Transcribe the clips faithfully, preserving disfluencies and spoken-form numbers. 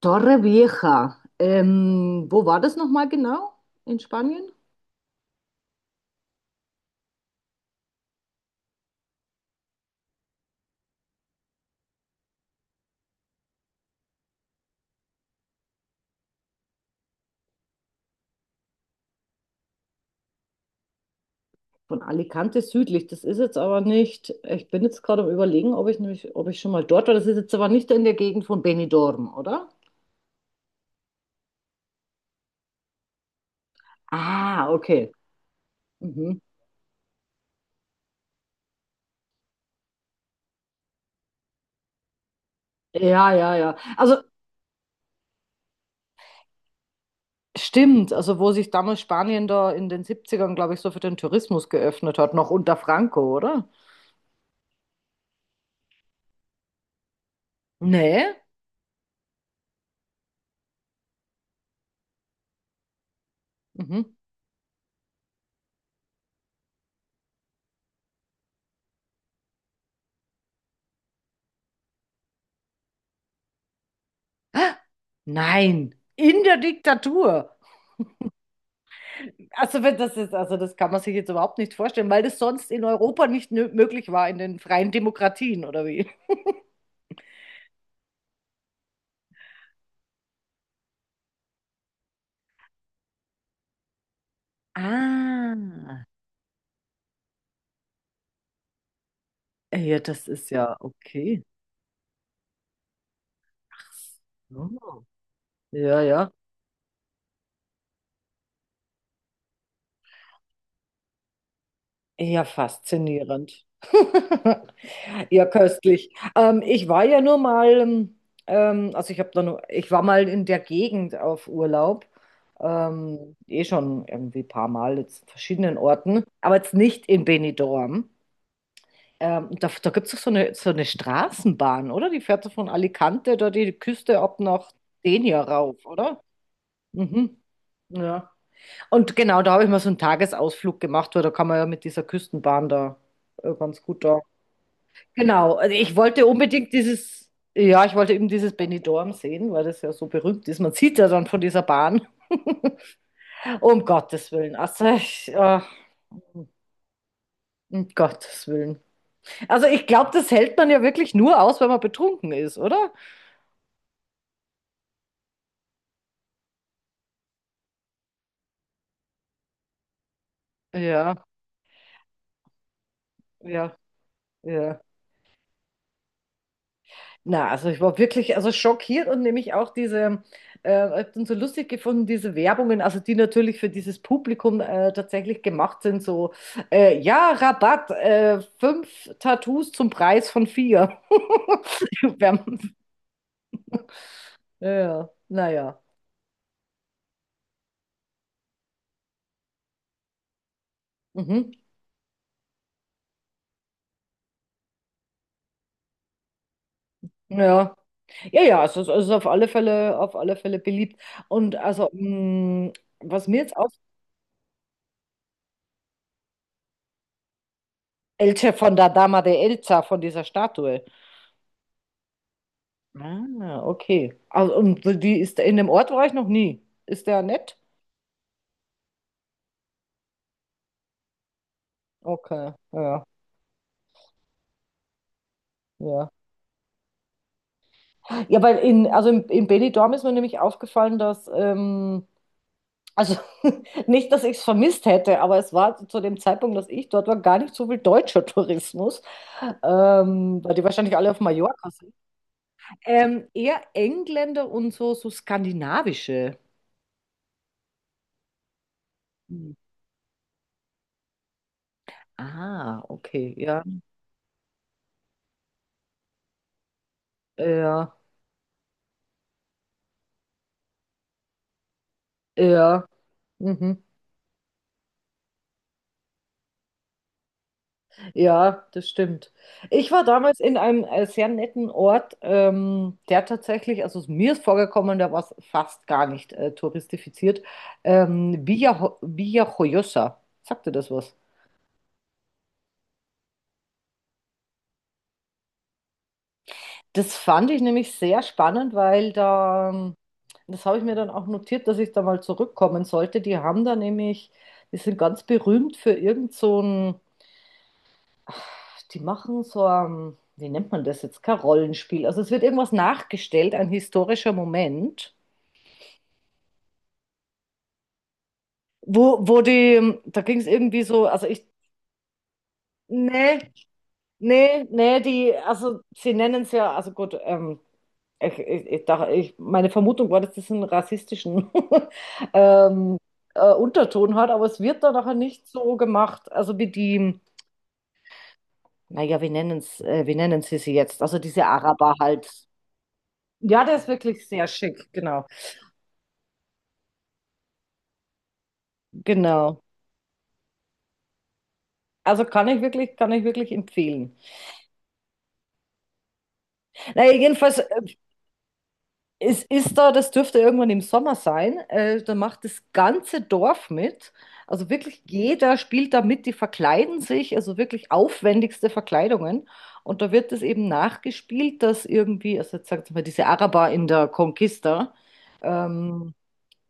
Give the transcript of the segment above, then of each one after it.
Torrevieja. Ähm, wo war das nochmal genau? In Spanien? Von Alicante südlich. Das ist jetzt aber nicht. Ich bin jetzt gerade am Überlegen, ob ich nämlich, ob ich schon mal dort war. Das ist jetzt aber nicht in der Gegend von Benidorm, oder? Ah, okay. Mhm. Ja, ja, ja. Also stimmt. Also wo sich damals Spanien da in den siebzigern, glaube ich, so für den Tourismus geöffnet hat, noch unter Franco, oder? Nee. Mhm. Ah, nein. In der Diktatur. Also, wenn das ist, also das kann man sich jetzt überhaupt nicht vorstellen, weil das sonst in Europa nicht nö- möglich war, in den freien Demokratien, oder wie? Ah, ja, das ist ja okay. Ach so. Ja, ja. Ja, faszinierend. Ja, köstlich. Ähm, ich war ja nur mal, ähm, ähm, also ich habe da nur, ich war mal in der Gegend auf Urlaub. Ähm, eh schon irgendwie ein paar Mal jetzt in verschiedenen Orten, aber jetzt nicht in Benidorm. Ähm, da da gibt es doch so eine, so eine Straßenbahn, oder? Die fährt so von Alicante da die Küste ab nach Denia rauf, oder? Mhm. Ja. Und genau, da habe ich mal so einen Tagesausflug gemacht, weil da kann man ja mit dieser Küstenbahn da äh, ganz gut da. Genau, also ich wollte unbedingt dieses, ja, ich wollte eben dieses Benidorm sehen, weil das ja so berühmt ist. Man sieht ja dann von dieser Bahn. Um Gottes Willen. Also, ich, äh, um Gottes Willen. Also, ich glaube, das hält man ja wirklich nur aus, wenn man betrunken ist, oder? Ja, ja, ja. Na, also ich war wirklich also schockiert und nämlich auch diese, äh, hab dann so lustig gefunden, diese Werbungen, also die natürlich für dieses Publikum äh, tatsächlich gemacht sind, so, äh, ja, Rabatt, äh, fünf Tattoos zum Preis von vier. Ja, ja, naja. Mhm. Ja, ja, ja, es ist, es ist auf alle Fälle, auf alle Fälle beliebt. Und also, mh, was mir jetzt auf, Elche von der Dama de Elsa, von dieser Statue. Ah, okay. Also, und die ist in dem Ort war ich noch nie. Ist der nett? Okay, ja, ja. Ja, weil in, also in, in Benidorm ist mir nämlich aufgefallen, dass, ähm, also nicht, dass ich es vermisst hätte, aber es war zu dem Zeitpunkt, dass ich dort war, gar nicht so viel deutscher Tourismus, ähm, weil die wahrscheinlich alle auf Mallorca sind. Ähm, eher Engländer und so, so skandinavische. Hm. Ah, okay, ja, ja, ja. Mhm. Ja, das stimmt. Ich war damals in einem äh, sehr netten Ort, ähm, der tatsächlich, also mir ist vorgekommen, der war fast gar nicht äh, touristifiziert. Ähm, Villa, Villa Joyosa. Sagt dir das was? Das fand ich nämlich sehr spannend, weil da, ähm, das habe ich mir dann auch notiert, dass ich da mal zurückkommen sollte. Die haben da nämlich, die sind ganz berühmt für irgend so ein. Die machen so, ähm, wie nennt man das jetzt? Kein Rollenspiel. Also es wird irgendwas nachgestellt, ein historischer Moment, wo, wo die, da ging es irgendwie so, also ich, nee, nee, nee, die, also sie nennen es ja, also gut, ähm, ich, ich, ich, dachte- ich, meine Vermutung war, dass das einen rassistischen ähm, äh, Unterton hat, aber es wird da nachher nicht so gemacht, also wie die, naja, wie nennen es, äh, wie nennen sie sie jetzt? Also diese Araber halt. Ja, der ist wirklich sehr schick, genau. Genau. Also kann ich wirklich, kann ich wirklich empfehlen. Naja, jedenfalls, äh, es ist da, das dürfte irgendwann im Sommer sein, äh, da macht das ganze Dorf mit. Also wirklich jeder spielt da mit, die verkleiden sich, also wirklich aufwendigste Verkleidungen. Und da wird es eben nachgespielt, dass irgendwie, also jetzt sagt mal, diese Araber in der Conquista, ähm,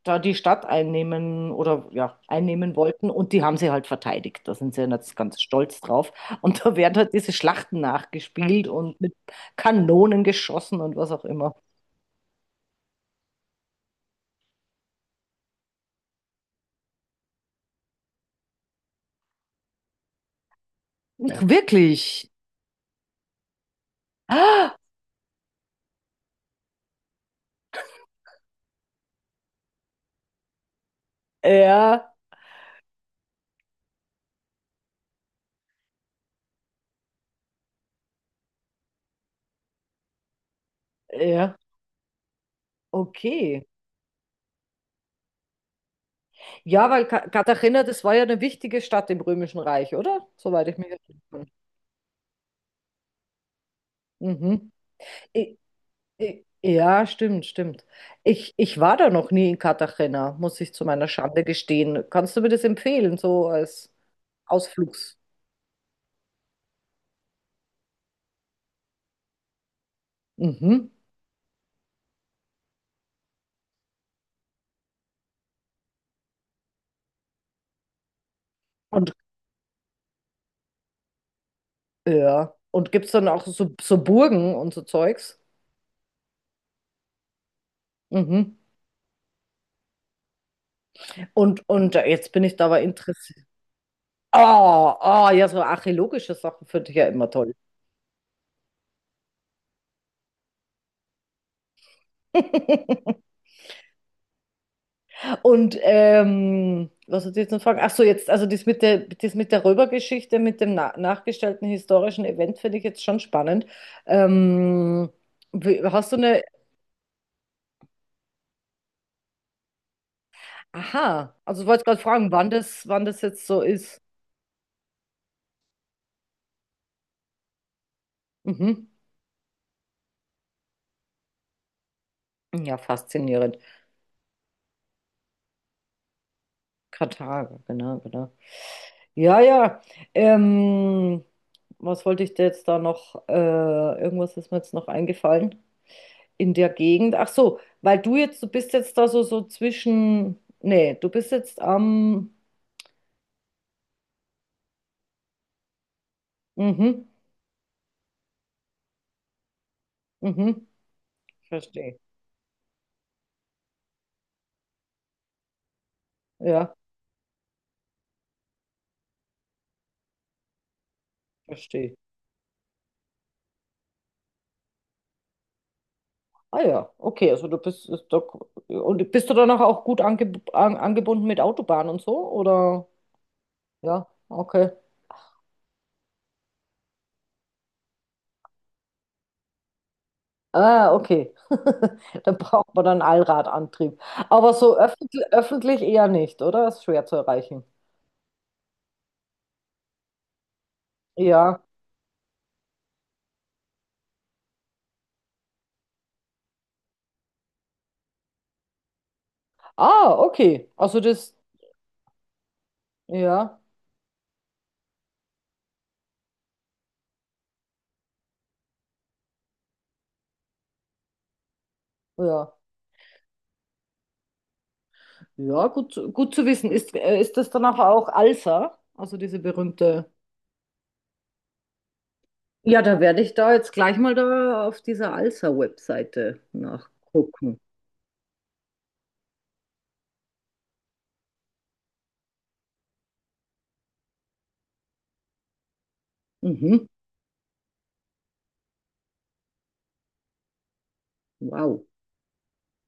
da die Stadt einnehmen oder ja, einnehmen wollten und die haben sie halt verteidigt. Da sind sie jetzt ganz stolz drauf. Und da werden halt diese Schlachten nachgespielt und mit Kanonen geschossen und was auch immer. Ach, wirklich? Ja, ja, okay. Ja, weil Ka- Katharina, das war ja eine wichtige Stadt im Römischen Reich, oder? Soweit ich mich erinnern kann. Mhm. I- Ja, stimmt, stimmt. Ich, ich war da noch nie in Cartagena, muss ich zu meiner Schande gestehen. Kannst du mir das empfehlen, so als Ausflugs? Mhm. Und ja, und gibt es dann auch so, so Burgen und so Zeugs? Mhm. Und, und jetzt bin ich da aber interessiert. Oh, oh, ja, so archäologische Sachen finde ich ja immer toll. Und ähm, was hat sie jetzt noch fragen? Ach so, jetzt, also das mit der, das mit der Röbergeschichte, mit dem na nachgestellten historischen Event finde ich jetzt schon spannend. Ähm, wie- Hast du eine, aha, also ich wollte gerade fragen, wann das, wann das jetzt so ist. Mhm. Ja, faszinierend. Karthago, genau, genau. Ja, ja. Ähm, Was wollte ich dir jetzt da noch? Äh, irgendwas ist mir jetzt noch eingefallen in der Gegend. Ach so, weil du jetzt, du bist jetzt da so, so, zwischen. Nee, du bist jetzt am. Mhm, mhm, verstehe. Ja, verstehe. Ah ja, okay, also du bist ist doch, und bist du danach auch gut ange, an, angebunden mit Autobahn und so? Oder? Ja, okay. Ah, okay. Dann braucht man dann Allradantrieb. Aber so öffentlich, öffentlich eher nicht, oder? Ist schwer zu erreichen. Ja. Ah, okay. Also das, ja, ja. Ja, gut, gut zu wissen. Ist, äh, ist das danach auch Alsa? Also diese berühmte. Ja, da werde ich da jetzt gleich mal da auf dieser Alsa-Webseite nachgucken. Mhm. Wow.